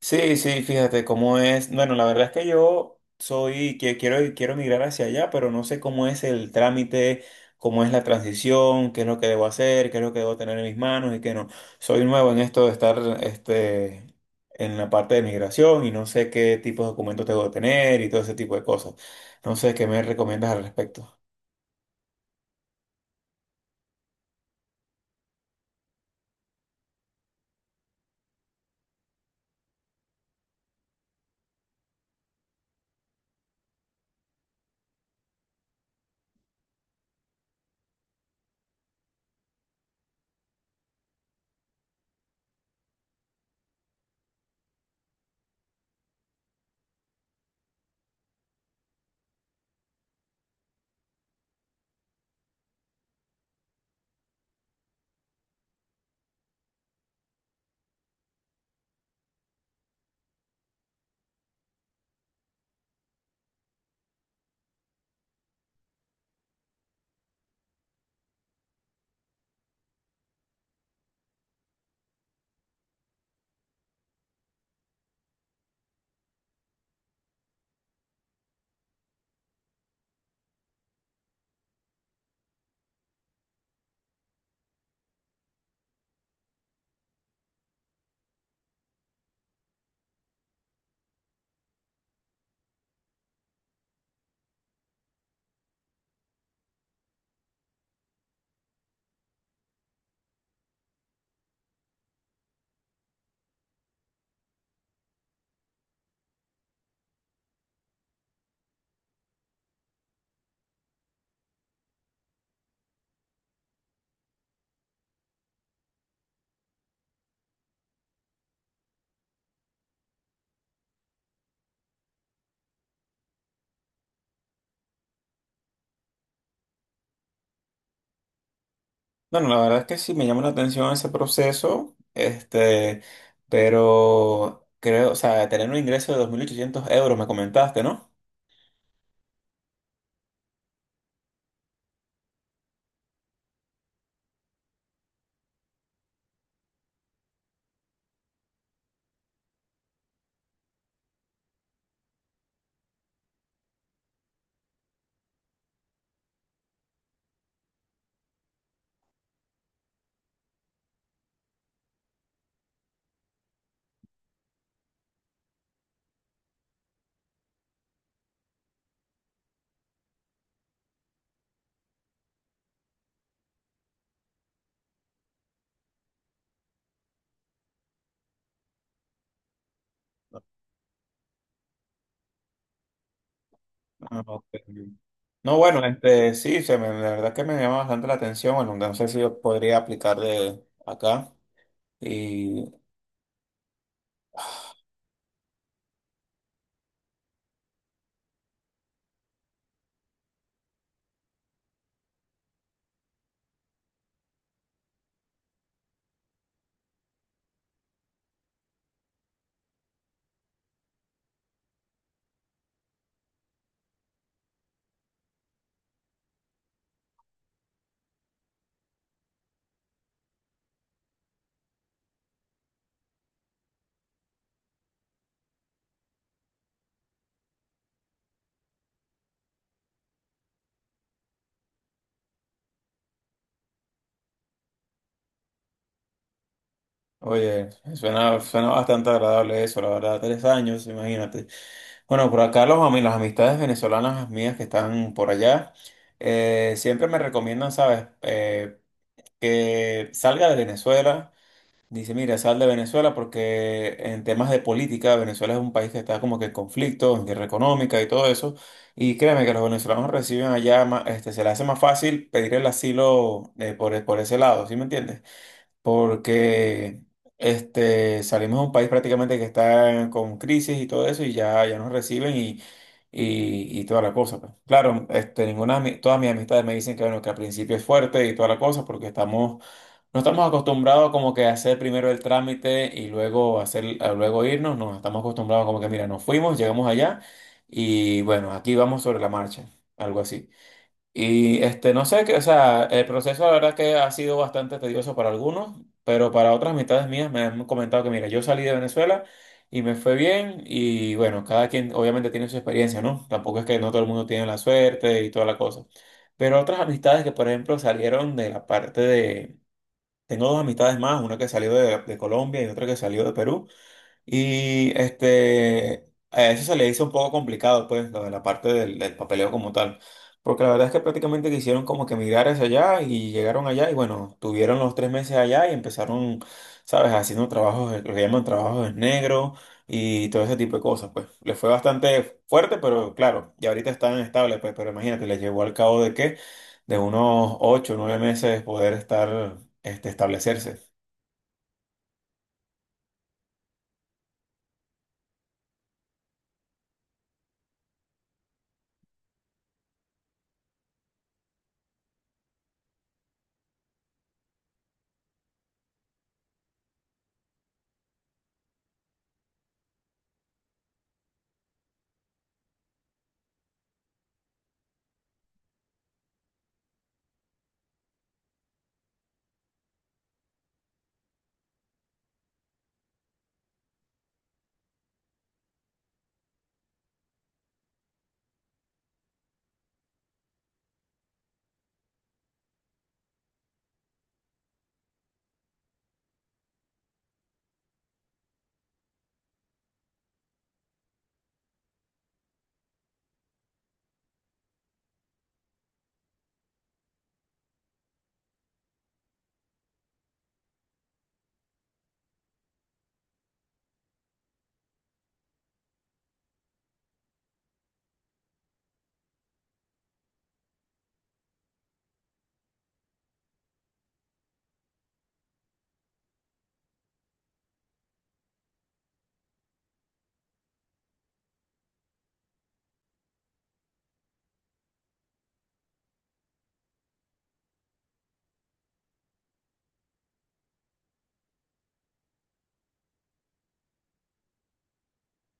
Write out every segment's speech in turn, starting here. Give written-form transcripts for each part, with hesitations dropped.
Sí, sí, fíjate cómo es. Bueno, la verdad es que quiero migrar hacia allá, pero no sé cómo es el trámite, cómo es la transición, qué es lo que debo hacer, qué es lo que debo tener en mis manos y qué no. Soy nuevo en esto de estar, este, en la parte de migración y no sé qué tipo de documentos tengo que tener y todo ese tipo de cosas. No sé qué me recomiendas al respecto. Bueno, la verdad es que sí me llama la atención ese proceso, pero creo, o sea, tener un ingreso de 2.800 euros, me comentaste, ¿no? Ah, ok. No, bueno, sí, la verdad que me llama bastante la atención. Bueno, no sé si yo podría aplicar de acá y, oye, suena bastante agradable eso, la verdad, 3 años, imagínate. Bueno, por acá las amistades venezolanas mías que están por allá, siempre me recomiendan, ¿sabes? Que salga de Venezuela. Dice, mira, sal de Venezuela porque en temas de política, Venezuela es un país que está como que en conflicto, en guerra económica y todo eso, y créeme que los venezolanos reciben allá, se les hace más fácil pedir el asilo por ese lado, ¿sí me entiendes? Porque salimos de un país prácticamente que está con crisis y todo eso, y ya, ya nos reciben y... Y toda la cosa, pues. Claro, de todas mis amistades me dicen que, bueno, que al principio es fuerte y toda la cosa, porque estamos no estamos acostumbrados como que a hacer primero el trámite y luego hacer, a luego irnos. No, estamos acostumbrados como que, mira, nos fuimos, llegamos allá y bueno, aquí vamos sobre la marcha, algo así. Y no sé, que, o sea, el proceso la verdad que ha sido bastante tedioso para algunos, pero para otras mitades mías me han comentado que, mira, yo salí de Venezuela y me fue bien y bueno, cada quien obviamente tiene su experiencia, ¿no? Tampoco es que no todo el mundo tiene la suerte y toda la cosa. Pero otras amistades que, por ejemplo, salieron de la parte de tengo dos amistades más, una que salió de Colombia y otra que salió de Perú. Y a eso se le hizo un poco complicado, pues, lo de la parte del papeleo como tal. Porque la verdad es que prácticamente quisieron como que migrar hacia allá y llegaron allá y bueno, tuvieron los 3 meses allá y empezaron, ¿sabes? Haciendo trabajos, lo que llaman trabajos en negro y todo ese tipo de cosas, pues. Les fue bastante fuerte, pero claro, y ahorita están estables, pues, pero imagínate, les llevó al cabo de qué, de unos 8, o 9 meses poder estar, establecerse.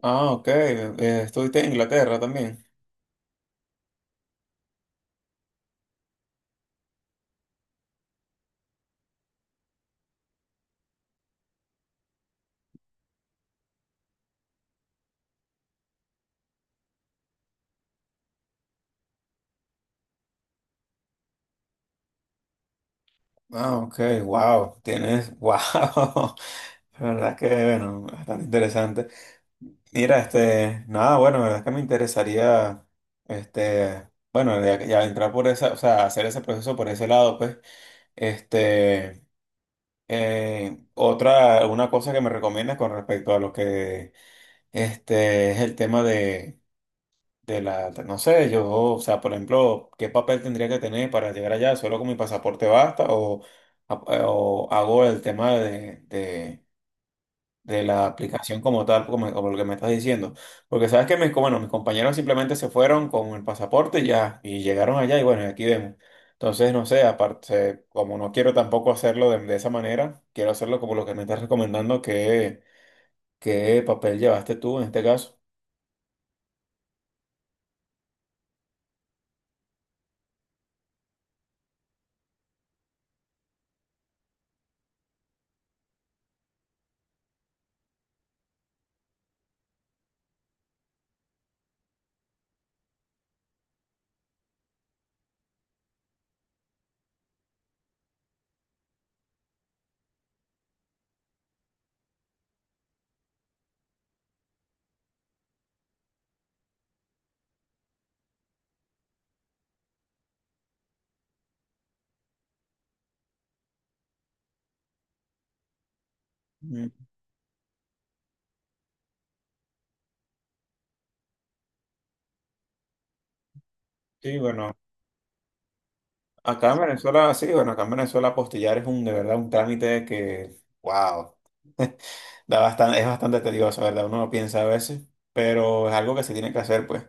Ah, ok, estuviste en Inglaterra también. Ah, ok, wow, tienes, wow, la verdad que, bueno, bastante interesante. Mira, nada, bueno, la verdad es que me interesaría, este, bueno, ya, ya entrar por esa, o sea, hacer ese proceso por ese lado, pues, este, una cosa que me recomiendas con respecto a lo que, es el tema de la, no sé, yo, o sea, por ejemplo, ¿qué papel tendría que tener para llegar allá? ¿Solo con mi pasaporte basta? ¿O hago el tema de la aplicación como tal, como lo que me estás diciendo? Porque sabes que mis, bueno, mis compañeros simplemente se fueron con el pasaporte y ya, y llegaron allá y bueno, y aquí vemos. Entonces, no sé, aparte, como no quiero tampoco hacerlo de esa manera, quiero hacerlo como lo que me estás recomendando. ¿Qué papel llevaste tú en este caso? Mm. Sí, bueno. Acá en Venezuela, sí, bueno, acá en Venezuela apostillar es un, de verdad, un trámite que, wow, es bastante tedioso, ¿verdad? Uno lo piensa a veces, pero es algo que se tiene que hacer, pues.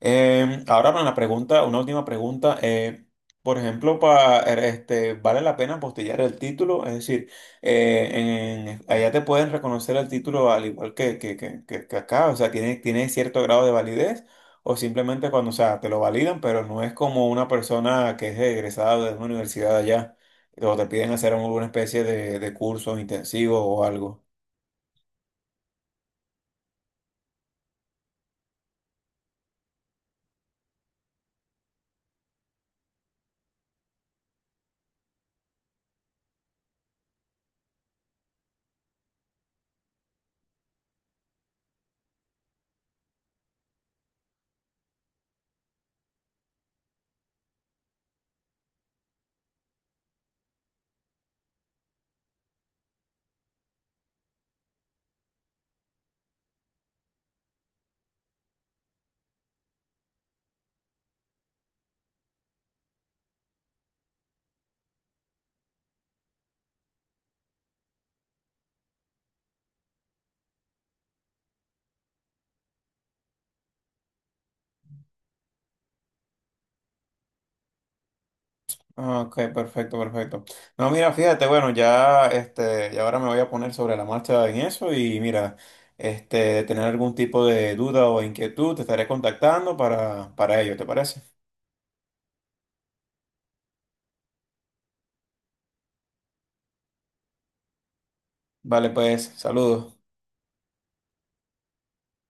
Ahora para la pregunta, una última pregunta. Por ejemplo, ¿vale la pena apostillar el título? Es decir, eh, allá te pueden reconocer el título al igual que acá, o sea, tiene cierto grado de validez. O simplemente cuando, o sea, te lo validan, pero no es como una persona que es egresada de una universidad allá, o te piden hacer alguna especie de curso intensivo o algo. Ah, ok, perfecto, perfecto. No, mira, fíjate, bueno, ya, ya ahora me voy a poner sobre la marcha en eso y mira, de tener algún tipo de duda o inquietud, te estaré contactando para ello, ¿te parece? Vale, pues, saludos.